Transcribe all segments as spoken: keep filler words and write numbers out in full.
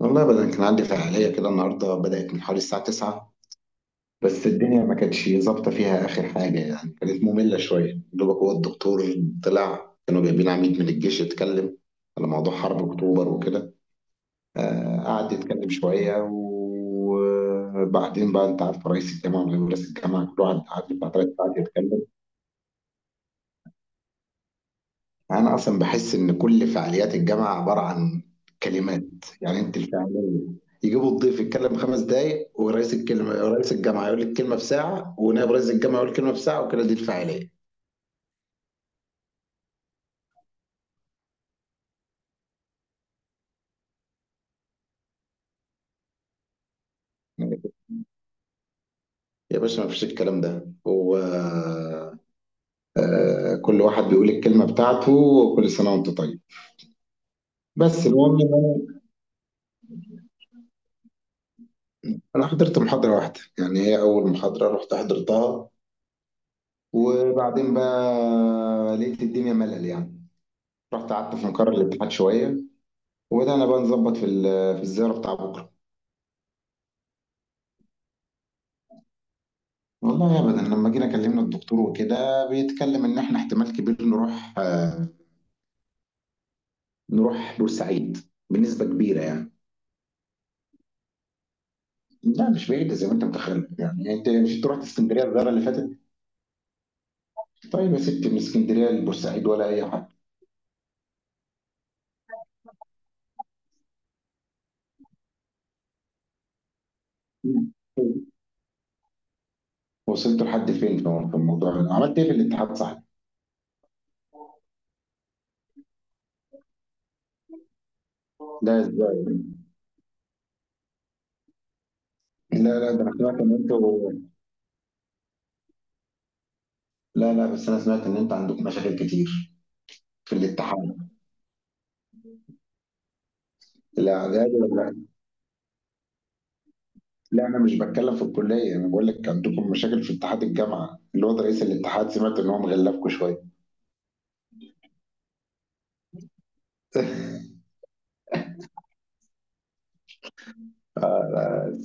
والله بدل كان عندي فعالية كده النهاردة، بدأت من حوالي الساعة تسعة. بس الدنيا ما كانتش ظابطة فيها آخر حاجة، يعني كانت مملة شوية دوبك، هو الدكتور طلع كانوا جايبين عميد من الجيش يتكلم على موضوع حرب أكتوبر وكده. آه قعد يتكلم شوية، وبعدين بقى أنت عارف، رئيس الجامعة ورئيس الجامعة كل واحد قعد بتاع تلات ساعات يتكلم. انا اصلا بحس ان كل فعاليات الجامعه عباره عن كلمات. يعني انت الفعاليه يجيبوا الضيف يتكلم خمس دقايق، ورئيس الكلمه رئيس الجامعه يقول الكلمه في ساعه، ونائب رئيس الجامعه يقول الكلمه في ساعه، وكده دي الفعاليه. يا باشا ما فيش الكلام ده. هو آه، كل واحد بيقول الكلمه بتاعته. وكل سنه وانت طيب. بس المهم ان انا أنا حضرت محاضره واحده، يعني هي اول محاضره رحت حضرتها. وبعدين بقى لقيت الدنيا ملل يعني. رحت قعدت في مقر الاتحاد شويه، وبدأنا بقى نظبط في ال- في الزيارة بتاع بكرة. والله أبدا، لما جينا كلمنا الدكتور وكده بيتكلم إن إحنا احتمال كبير نروح، آه، نروح بورسعيد بنسبة كبيرة يعني. لا مش بعيدة زي ما أنت متخيل، يعني أنت مش تروح اسكندرية الزيارة اللي فاتت؟ طيب يا ستي، من اسكندرية لبورسعيد ولا أي حاجة. وصلت لحد فين في في الموضوع ده؟ عملت إيه في الاتحاد صحيح؟ لا إزاي؟ لا، لا، ده أنا سمعت إن أنتوا. لا، لا، بس أنا سمعت إن أنتوا عندكم مشاكل كتير في الاتحاد. لا، لا، لا، انا مش بتكلم في الكليه، انا بقول لك عندكم مشاكل في اتحاد الجامعه. الواد رئيس الاتحاد سمعت ان هو مغلفكم شويه.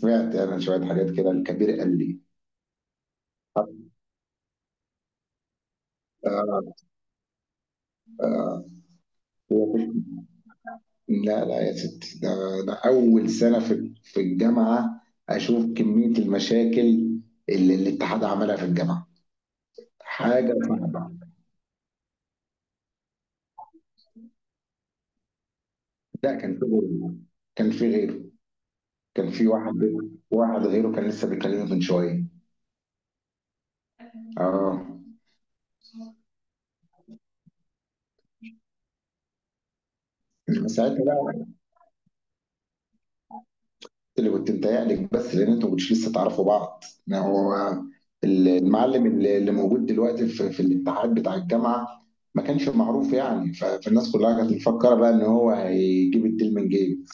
سمعت انا شويه حاجات كده، الكبير قال لي. آه، هو في- لا، لا، يا ستي، ده, ده اول سنه في في الجامعه. اشوف كميه المشاكل اللي الاتحاد عملها في الجامعه. حاجه صعبه. لا كان في غيره، كان في غيره، كان في واحد. واحد غيره كان لسه بيكلمني من شويه. اه. ساعتها اللي كنت متهيألك، بس لان انتوا مش لسه تعرفوا بعض. ما هو المعلم اللي اللي موجود دلوقتي في, في الاتحاد بتاع الجامعه ما كانش معروف يعني، ف- فالناس كلها كانت مفكره بقى ان هو هيجيب الديل من جيب.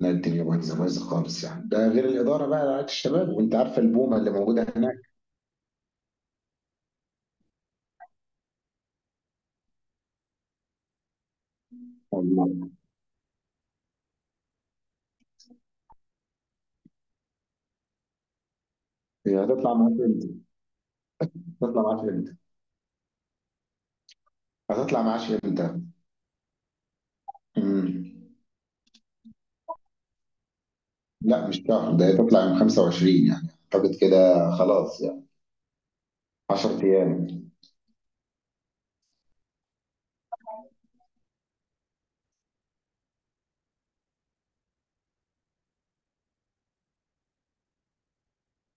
لا الدنيا بايظه بايظه خالص يعني، ده غير الاداره بقى، رعايه الشباب، وانت عارفه البومه اللي موجوده هناك. والله. هي هتطلع معاك امتى؟ هتطلع معاك امتى؟ هتطلع معاش امتى؟ مم. لا مش شهر، ده هتطلع يوم خمسة وعشرين يعني. اعتقد كده خلاص يعني. عشر ايام.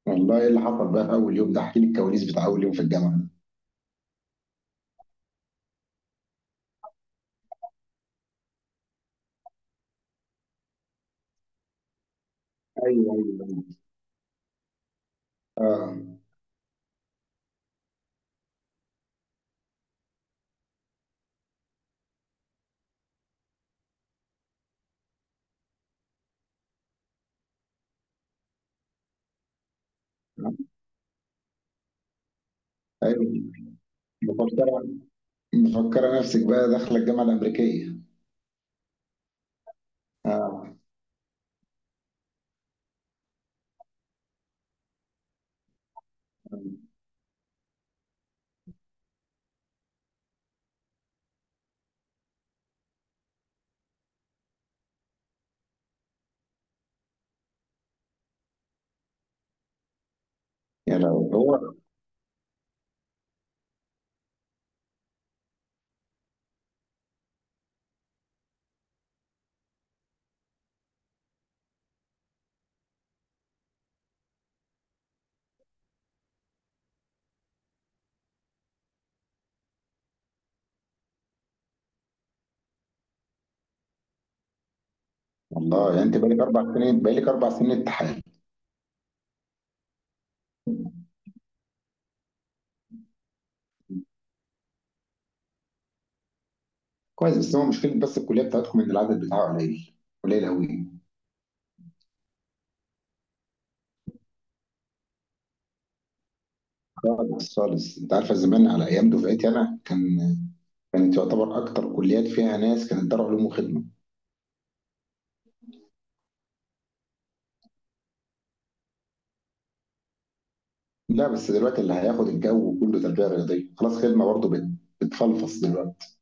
والله ايه اللي حصل بقى في اول يوم ده؟ احكي لي الكواليس بتاع اول يوم في الجامعه. ايوه، ايوه. اه. ايوه. مفكره مفكره نفسك بقى داخله الجامعه الامريكيه. اه. آه. يا لو هو. والله يعني انت بقالك اربع سنين، بقالك اربع سنين امتحان. كويس. بس هو مشكله، بس الكليه بتاعتكم ان العدد بتاعه قليل. قليل قوي. خالص، خالص. انت عارفه زمان على ايام دفعتي انا، كان كانت يعتبر اكتر كليات فيها ناس كانت دار علوم وخدمه. لا بس دلوقتي اللي هياخد الجو كله تربية رياضية. خلاص خدمة برضه بت- بتفلفص دلوقتي.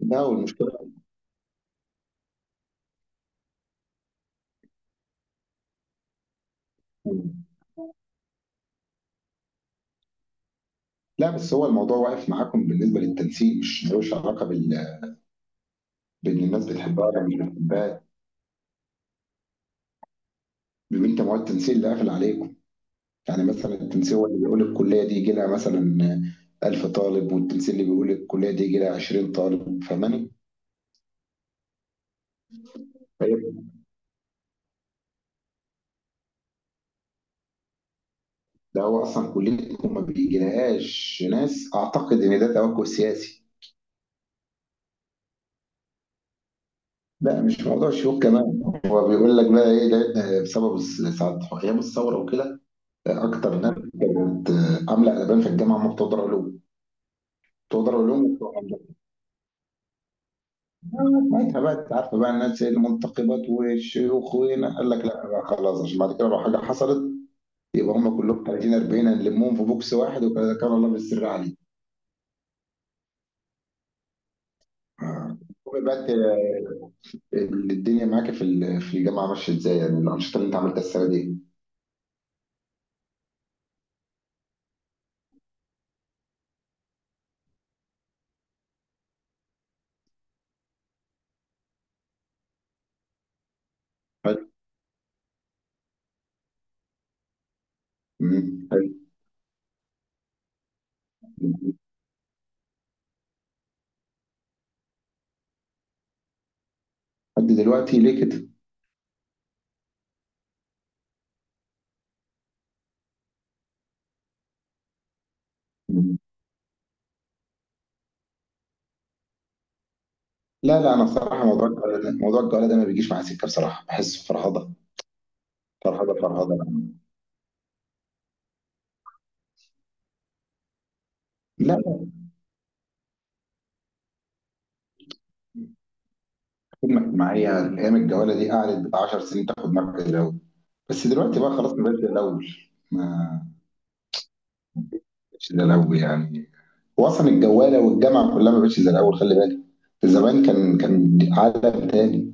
لا والمشكلة. لا بس هو الموضوع واقف معاكم بالنسبة للتنسيق، مش ملوش علاقة بال بإن الناس بتحبها ولا مش بتحبها. بيبقى أنت مواد التنسيق اللي قافل عليكم. يعني مثلا التنسيق هو اللي بيقول الكلية دي يجي لها مثلا ألف طالب، والتنسيق اللي بيقول الكلية دي يجي لها عشرين طالب. فاهماني؟ طيب. ده هو أصلا كليتكم ما بيجيلهاش ناس، أعتقد إن ده توجه سياسي. لا مش موضوع شيوخ كمان. هو بيقول لك بقى ايه، لان بسبب الس- ساعة ايام الثوره وكده. اكتر ناس كانت عامله قلبان في الجامعه هم بتوع دار علوم. بتوع دار علوم وبتوع هندسه. آه، ساعتها بقى انت عارفه بقى، الناس المنتقبات والشيوخ، وهنا قال لك لا بقى خلاص، عشان بعد كده لو حاجه حصلت يبقى هم كلهم تلاتين أربعين هنلمهم في بوكس واحد، وكان الله بالسر عليه. آه. بقى إنت الدنيا معاك في ال- في الجامعه ماشيه ازاي؟ يعني الانشطه اللي انت عملتها السنه دي. حلو. مم. حلو. لحد دلوقتي ليه كده؟ مم. لا، لا، انا بصراحه موضوع الجواله ده، موضوع الجواله ده ما بيجيش معايا سكه. بصراحه بحس فرهضه. فرهضه فرهضه بقى. لا، لا. خدمه اجتماعيه ايام الجواله دي قعدت بتاع عشر سنين تاخد مركز الاول. بس دلوقتي بقى خلاص ما بقتش زي الاول. ما بقتش زي الاول يعني. هو اصلا الجواله والجامعه كلها ما بقتش زي الاول، خلي بالك. زمان كان كان عالم تاني.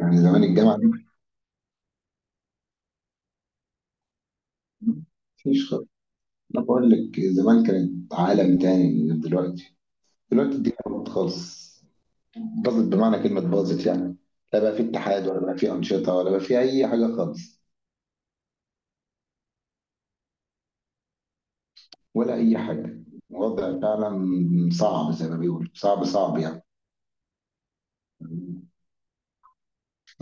يعني زمان الجامعه دي مفيش خالص. انا بقول لك زمان كانت عالم تاني غير دلوقتي. دلوقتي الدنيا باظت خالص. باظت بمعنى كلمة باظت يعني. لا بقى في اتحاد، ولا بقى في أنشطة، ولا بقى في أي حاجة خالص. ولا أي حاجة. الوضع فعلا صعب، زي ما بيقولوا صعب صعب يعني.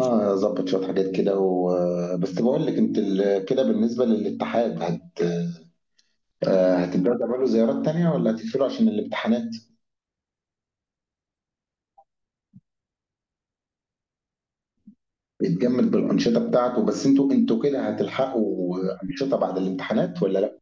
اه ظبط شوية حاجات كده و... بس بقول لك انت ال... كده بالنسبة للاتحاد هت... آه، هتبدأوا تعملوا زيارات تانية ولا هتقفلوا عشان الامتحانات؟ بيتجمد بالأنشطة بتاعته. بس انتوا انتوا كده هتلحقوا أنشطة بعد الامتحانات ولا لا؟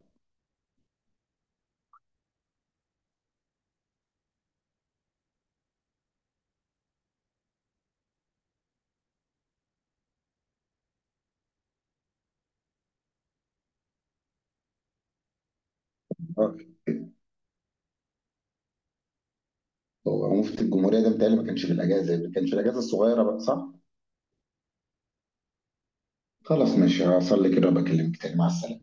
آه، هو مفتي الجمهورية ده متهيألي ما كانش في الأجازة. ما كانش في الأجازة الصغيرة بقى صح؟ خلاص ماشي، هصلي كده وبكلمك تاني. مع السلامة.